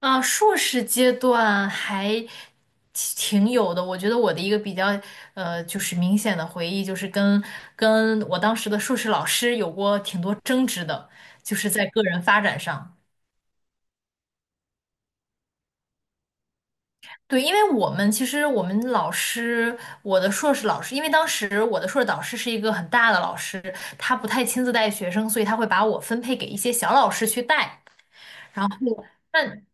啊，硕士阶段还挺有的。我觉得我的一个比较就是明显的回忆，就是跟我当时的硕士老师有过挺多争执的，就是在个人发展上。对，因为我们老师，我的硕士老师，因为当时我的硕士导师是一个很大的老师，他不太亲自带学生，所以他会把我分配给一些小老师去带。然后，但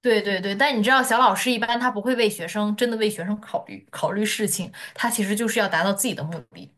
对对对，但你知道，小老师一般他不会为学生真的为学生考虑考虑事情，他其实就是要达到自己的目的。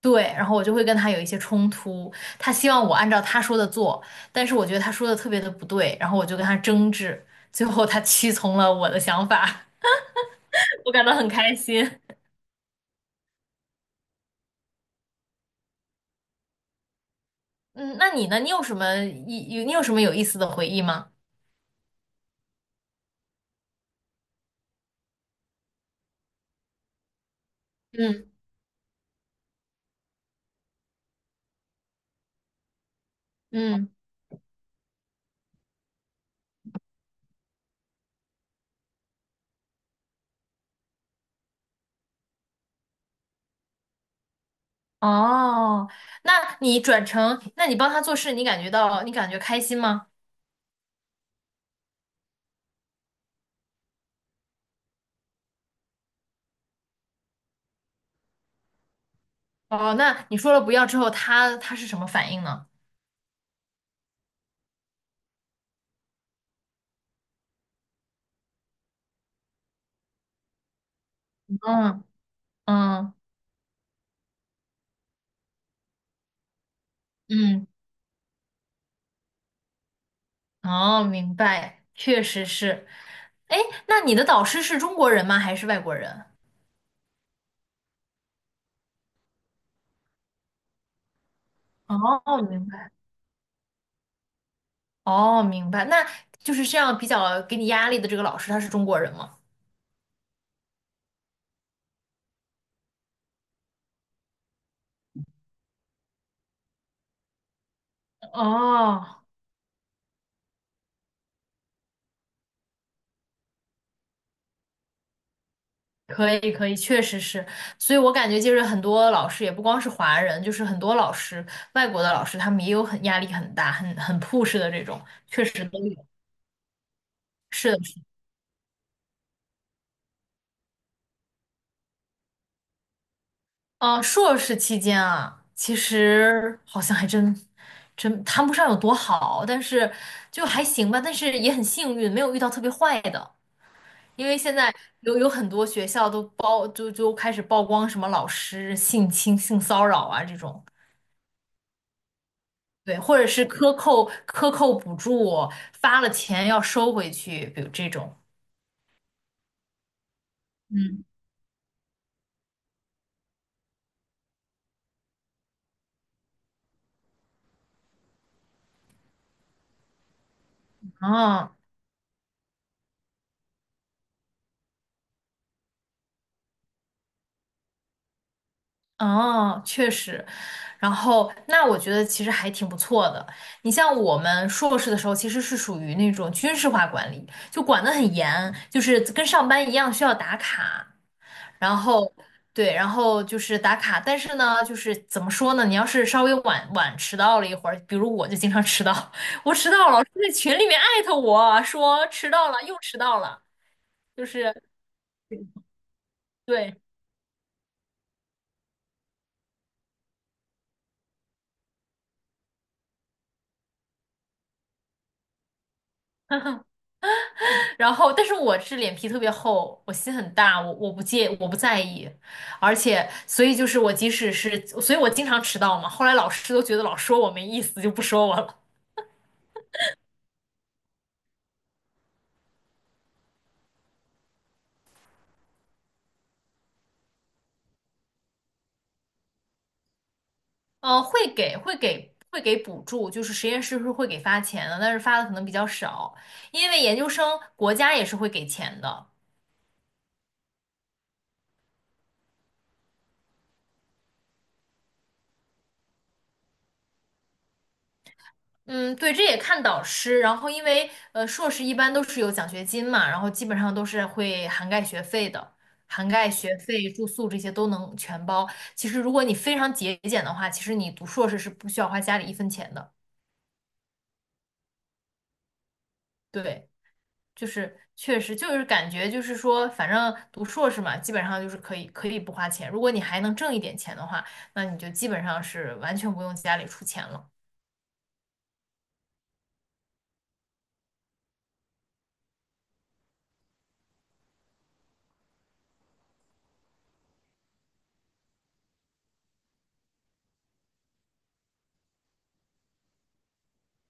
对，然后我就会跟他有一些冲突，他希望我按照他说的做，但是我觉得他说的特别的不对，然后我就跟他争执，最后他屈从了我的想法，我感到很开心。嗯，那你呢？你有什么一有你有什么有意思的回忆吗？嗯嗯。哦，那你转成，那你帮他做事，你感觉开心吗？哦，那你说了不要之后，他是什么反应呢？嗯嗯嗯，哦，明白，确实是。哎，那你的导师是中国人吗？还是外国人？哦，明白。哦，明白。那就是这样比较给你压力的这个老师，他是中国人吗？哦，可以可以，确实是，所以我感觉就是很多老师也不光是华人，就是很多老师，外国的老师他们也有很压力很大、很 push 的这种，确实都有。是的嗯，硕士期间啊，其实好像真谈不上有多好，但是就还行吧。但是也很幸运，没有遇到特别坏的，因为现在有很多学校都曝就就开始曝光什么老师性侵、性骚扰啊这种，对，或者是克扣补助，发了钱要收回去，比如这种。嗯，啊，哦，确实，然后那我觉得其实还挺不错的。你像我们硕士的时候，其实是属于那种军事化管理，就管得很严，就是跟上班一样需要打卡，然后对，然后就是打卡。但是呢，就是怎么说呢？你要是稍微迟到了一会儿，比如我就经常迟到，我迟到了，老师在群里面艾特我说迟到了，又迟到了，就是对。然后，但是我是脸皮特别厚，我心很大，我不在意，而且，所以就是我即使是，所以我经常迟到嘛。后来老师都觉得老说我没意思，就不说我了。呃，会给补助，就是实验室是会给发钱的，但是发的可能比较少，因为研究生国家也是会给钱的。嗯，对，这也看导师。然后，因为硕士一般都是有奖学金嘛，然后基本上都是会涵盖学费的，涵盖学费、住宿这些都能全包。其实，如果你非常节俭的话，其实你读硕士是不需要花家里一分钱的。对，就是确实就是感觉就是说，反正读硕士嘛，基本上就是可以不花钱。如果你还能挣一点钱的话，那你就基本上是完全不用家里出钱了。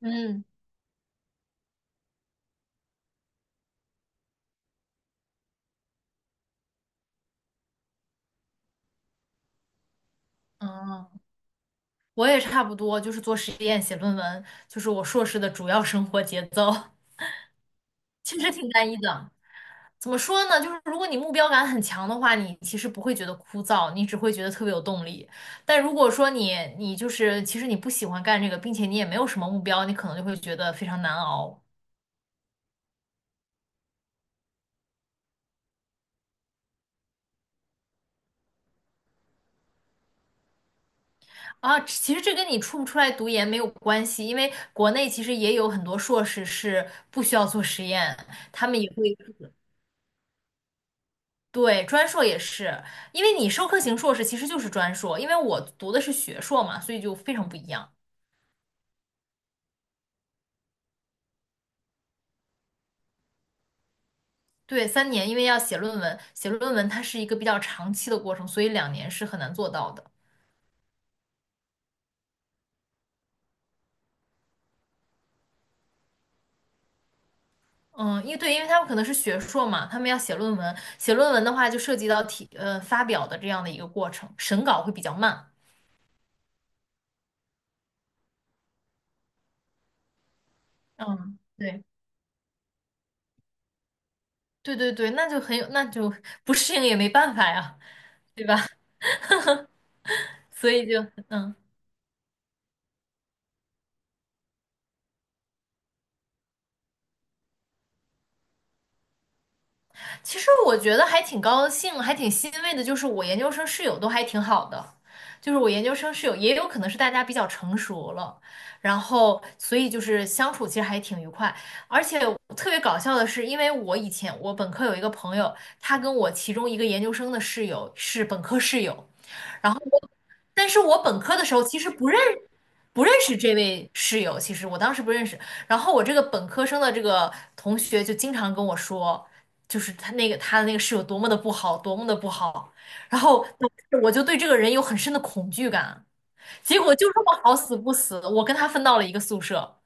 嗯，嗯，我也差不多，就是做实验、写论文，就是我硕士的主要生活节奏，其实挺单一的。怎么说呢？就是如果你目标感很强的话，你其实不会觉得枯燥，你只会觉得特别有动力。但如果说你就是其实你不喜欢干这个，并且你也没有什么目标，你可能就会觉得非常难熬啊。其实这跟你出不出来读研没有关系，因为国内其实也有很多硕士是不需要做实验，他们也会。对，专硕也是，因为你授课型硕士其实就是专硕，因为我读的是学硕嘛，所以就非常不一样。对，三年，因为要写论文，写论文它是一个比较长期的过程，所以两年是很难做到的。嗯，因为对，因为他们可能是学硕嘛，他们要写论文，写论文的话就涉及到发表的这样的一个过程，审稿会比较慢。嗯，对，对对对，那就很有，那就 不适应也没办法呀，对吧？所以就嗯。其实我觉得还挺高兴，还挺欣慰的，就是我研究生室友都还挺好的，就是我研究生室友也有可能是大家比较成熟了，然后所以就是相处其实还挺愉快，而且特别搞笑的是，因为我以前我本科有一个朋友，他跟我其中一个研究生的室友是本科室友。然后我，但是我本科的时候其实不认不认识这位室友，其实我当时不认识。然后我这个本科生的这个同学就经常跟我说，就是他那个室友多么的不好，多么的不好。然后导致我就对这个人有很深的恐惧感。结果就这么好死不死，我跟他分到了一个宿舍。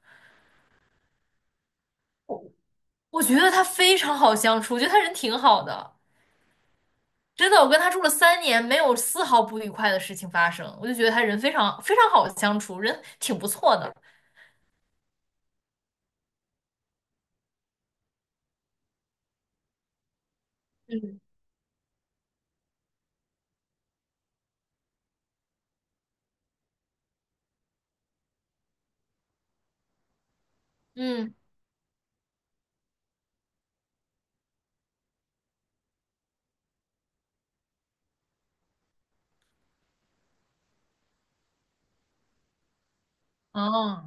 我觉得他非常好相处，我觉得他人挺好的，真的，我跟他住了三年，没有丝毫不愉快的事情发生，我就觉得他人非常非常好相处，人挺不错的。嗯嗯，哦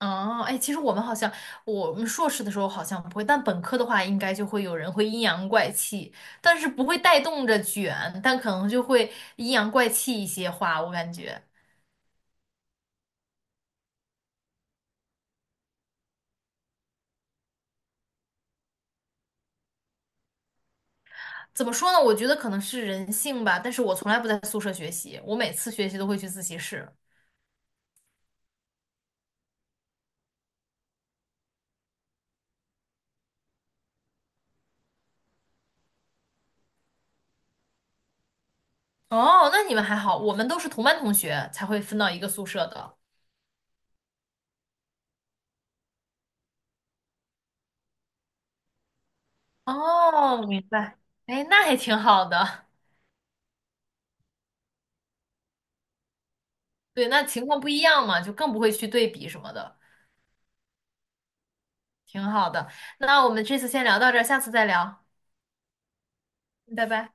哦，哎，其实我们好像，我们硕士的时候好像不会，但本科的话，应该就会有人会阴阳怪气，但是不会带动着卷，但可能就会阴阳怪气一些话，我感觉。怎么说呢？我觉得可能是人性吧，但是我从来不在宿舍学习，我每次学习都会去自习室。哦，那你们还好，我们都是同班同学才会分到一个宿舍的。哦，明白。哎，那还挺好的。对，那情况不一样嘛，就更不会去对比什么的。挺好的。那我们这次先聊到这儿，下次再聊，拜拜。